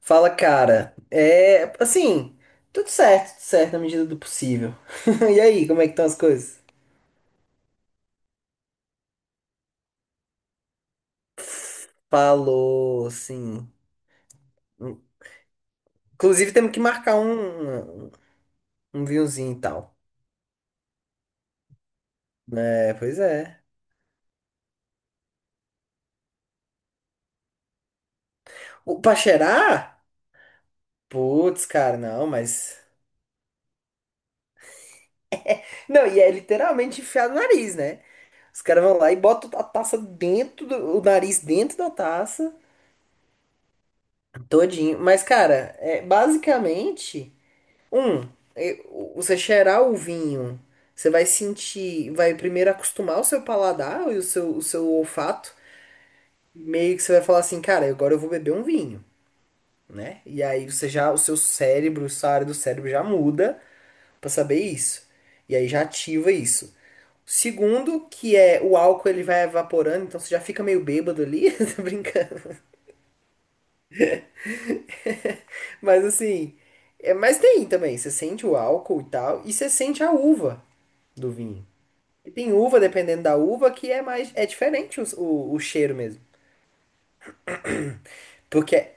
Fala, cara. É, assim, tudo certo na medida do possível. E aí, como é que estão as coisas? Falou, sim. Inclusive, temos que marcar um vinhozinho e tal. É, pois é. O, pra cheirar? Putz, cara, não, mas. Não, e é literalmente enfiar no nariz, né? Os caras vão lá e botam a taça dentro o nariz dentro da taça, todinho. Mas, cara, é, basicamente. Um, e- Você cheirar o vinho, você vai sentir, vai primeiro acostumar o seu paladar e o seu olfato. Meio que você vai falar assim, cara, agora eu vou beber um vinho, né? E aí você já, o seu cérebro, essa área do cérebro já muda pra saber isso. E aí já ativa isso. Segundo, que é o álcool ele vai evaporando, então você já fica meio bêbado ali, tô brincando. Mas assim, é, mas tem também, você sente o álcool e tal, e você sente a uva do vinho. E tem uva, dependendo da uva, que é mais. É diferente o cheiro mesmo. Porque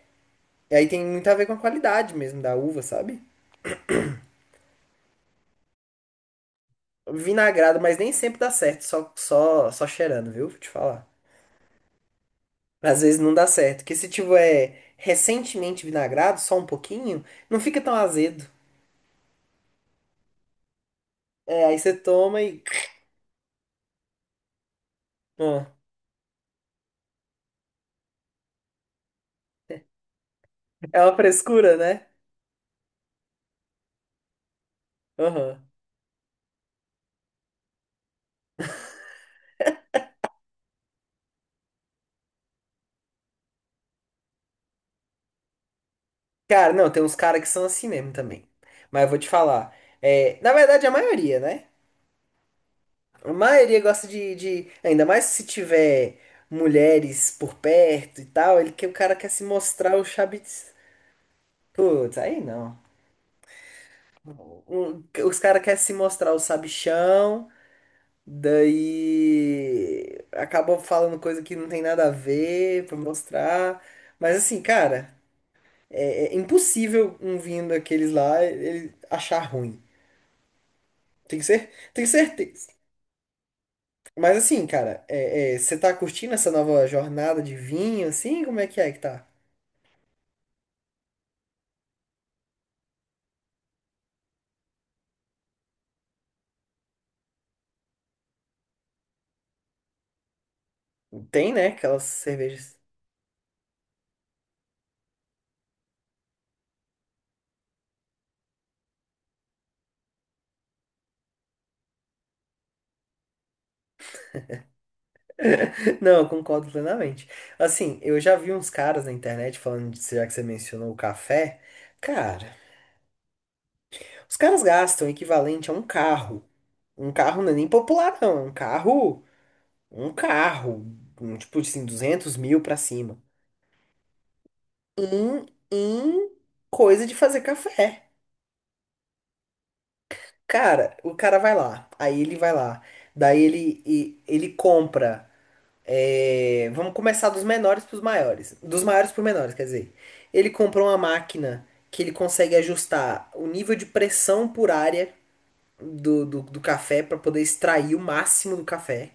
aí tem muito a ver com a qualidade mesmo da uva, sabe? Vinagrado, mas nem sempre dá certo, só cheirando, viu? Vou te falar. Às vezes não dá certo. Que se tiver recentemente vinagrado, só um pouquinho, não fica tão azedo. É, aí você toma e. Ah, é uma frescura, né? Aham. Cara, não, tem uns caras que são assim mesmo também. Mas eu vou te falar. É, na verdade, a maioria, né? A maioria gosta ainda mais se tiver mulheres por perto e tal, ele que o cara quer se mostrar o chabi. Putz, aí não. Os caras querem se mostrar o sabichão, daí acabam falando coisa que não tem nada a ver pra mostrar. Mas assim, cara, é impossível um vindo daqueles lá ele achar ruim. Tem que ser, tem certeza. Mas assim, cara, você tá curtindo essa nova jornada de vinho, assim? Como é que tá? Tem, né? Aquelas cervejas. Não, eu concordo plenamente. Assim, eu já vi uns caras na internet falando, já que você mencionou o café. Cara, os caras gastam o equivalente a um carro. Um carro não é nem popular, não. É um carro. Um carro, um tipo assim, 200.000 pra cima. Em, em coisa de fazer café. Cara, o cara vai lá, aí ele vai lá, daí ele compra. É, vamos começar dos menores para os maiores, dos maiores para os menores, quer dizer. Ele compra uma máquina que ele consegue ajustar o nível de pressão por área do café para poder extrair o máximo do café.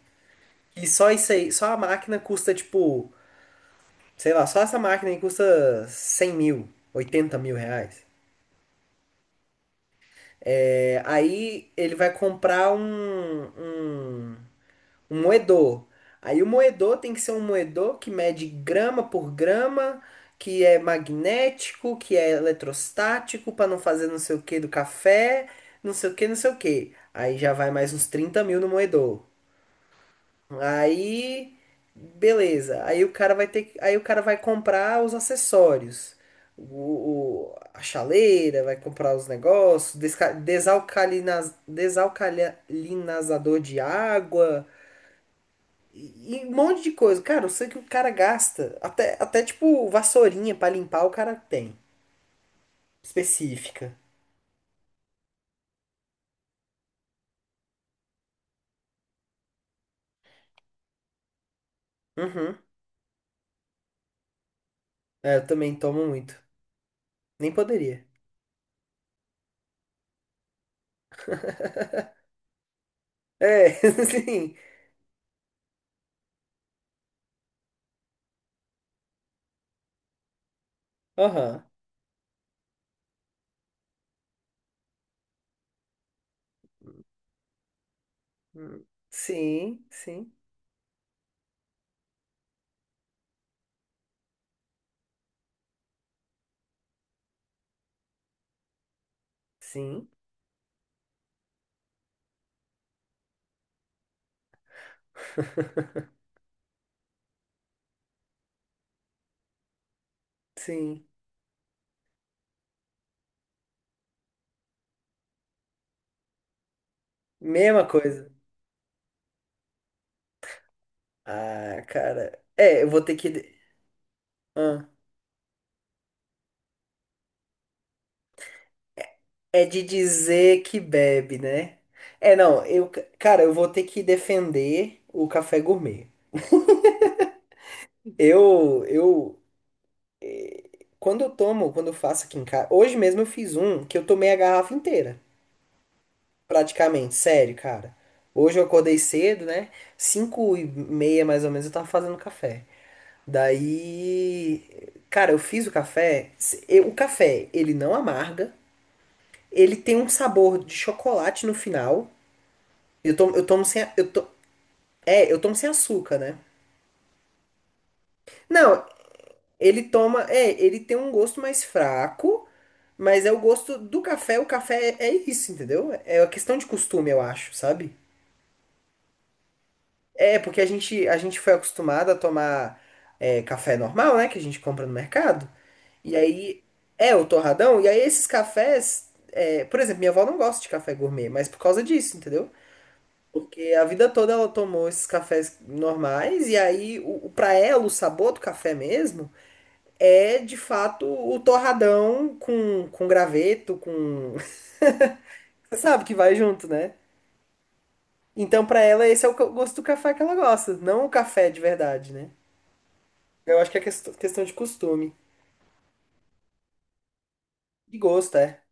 E só isso aí, só a máquina custa tipo, sei lá, só essa máquina aí custa 100.000, 80.000 reais. É, aí ele vai comprar um Um moedor. Aí o moedor tem que ser um moedor que mede grama por grama, que é magnético, que é eletrostático, para não fazer não sei o que do café, não sei o que, não sei o que. Aí já vai mais uns 30.000 no moedor. Aí, beleza. Aí o cara vai ter. Aí o cara vai comprar os acessórios. A chaleira, vai comprar os negócios, desalcalinazador de água. E um monte de coisa. Cara, eu sei que o cara gasta. Até tipo, vassourinha pra limpar o cara tem. Específica. Uhum. É, eu também tomo muito. Nem poderia. É, sim. Aham. Sim, sim, sim, sim. Mesma coisa. Ah, cara. É, eu vou ter que. Ah, é de dizer que bebe, né? É, não, eu, cara, eu vou ter que defender o café gourmet. Eu, eu, Quando eu tomo, quando eu faço aqui em casa. Hoje mesmo eu fiz um que eu tomei a garrafa inteira. Praticamente, sério, cara. Hoje eu acordei cedo, né? 5h30 mais ou menos eu tava fazendo café. Daí. Cara, eu fiz o café. O café, ele não amarga. Ele tem um sabor de chocolate no final. Eu tomo sem. A- Eu to, é, eu tomo sem açúcar, né? Não, ele tem um gosto mais fraco, mas é o gosto do café. O café é isso, entendeu? É uma questão de costume, eu acho, sabe? É, porque a gente foi acostumado a tomar café normal, né? Que a gente compra no mercado. E aí, é o torradão. E aí, esses cafés, por exemplo, minha avó não gosta de café gourmet, mas por causa disso, entendeu? Porque a vida toda ela tomou esses cafés normais, e aí, pra ela, o sabor do café mesmo. É de fato o torradão com graveto, com. Você sabe que vai junto, né? Então, pra ela, esse é o gosto do café que ela gosta, não o café de verdade, né? Eu acho que é questão de costume. De gosto, é.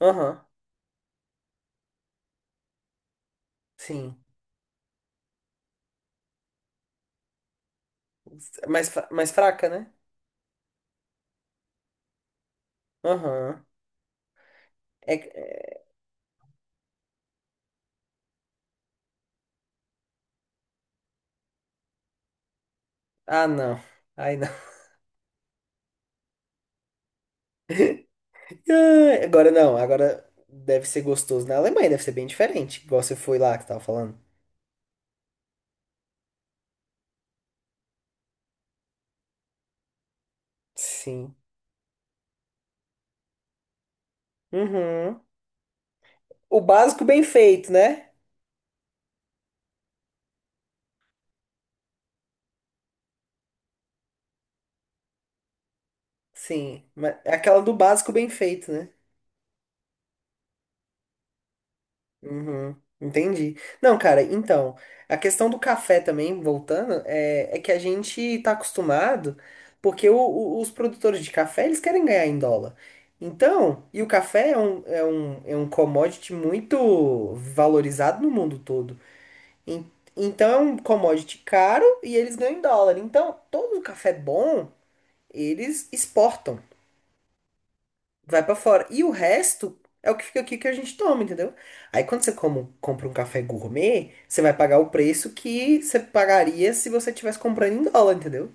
Aham. Sim. Mais fraca, né? Aham. É, é- Ah, não. Ai, não. Ah, agora não, agora deve ser gostoso na Alemanha, deve ser bem diferente, igual você foi lá que você tava falando. Sim. Uhum. O básico bem feito, né? Sim, mas é aquela do básico bem feito, né? Uhum, entendi. Não, cara, então, a questão do café também, voltando, é, é que a gente tá acostumado, porque os produtores de café, eles querem ganhar em dólar. Então, e o café é um commodity muito valorizado no mundo todo. En- Então, é um commodity caro e eles ganham em dólar. Então, todo o café bom, eles exportam. Vai pra fora. E o resto é o que fica aqui que a gente toma, entendeu? Aí quando você compra um café gourmet, você vai pagar o preço que você pagaria se você tivesse comprando em dólar, entendeu?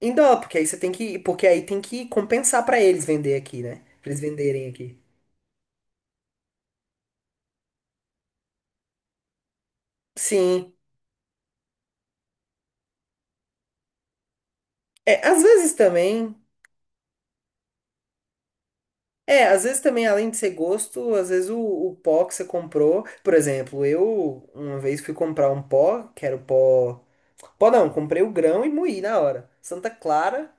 Em dólar, porque aí você tem que, porque aí tem que compensar pra eles vender aqui, né? Pra eles venderem aqui. Sim. É, às vezes também. É, às vezes também, além de ser gosto, às vezes o pó que você comprou. Por exemplo, eu uma vez fui comprar um pó, que era o pó. Pó não, comprei o grão e moí na hora. Santa Clara.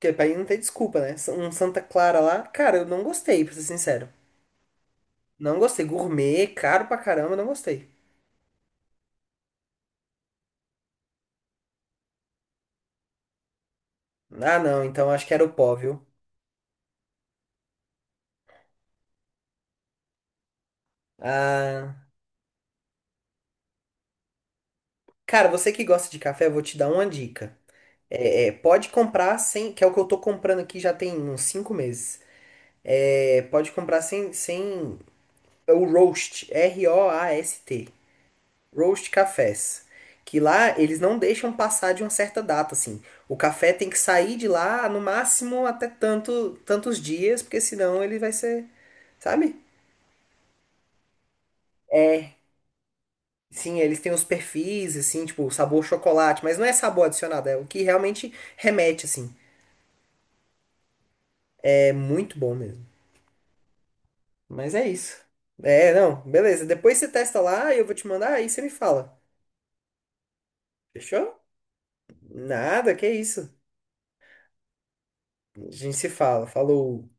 Porque pra mim não tem desculpa, né? Um Santa Clara lá, cara, eu não gostei, pra ser sincero. Não gostei. Gourmet, caro pra caramba, não gostei. Ah, não, então acho que era o pó, viu? Ah, cara, você que gosta de café, eu vou te dar uma dica. Pode comprar sem, que é o que eu tô comprando aqui já tem uns 5 meses. É, pode comprar sem o roast, roast. Roast cafés, que lá eles não deixam passar de uma certa data, assim. O café tem que sair de lá no máximo até tanto, tantos dias, porque senão ele vai ser, sabe? É, sim, eles têm os perfis, assim, tipo, sabor chocolate, mas não é sabor adicionado, é o que realmente remete, assim. É muito bom mesmo. Mas é isso. É, não, beleza. Depois você testa lá e eu vou te mandar, aí você me fala. Fechou? Nada, que isso. A gente se fala. Falou.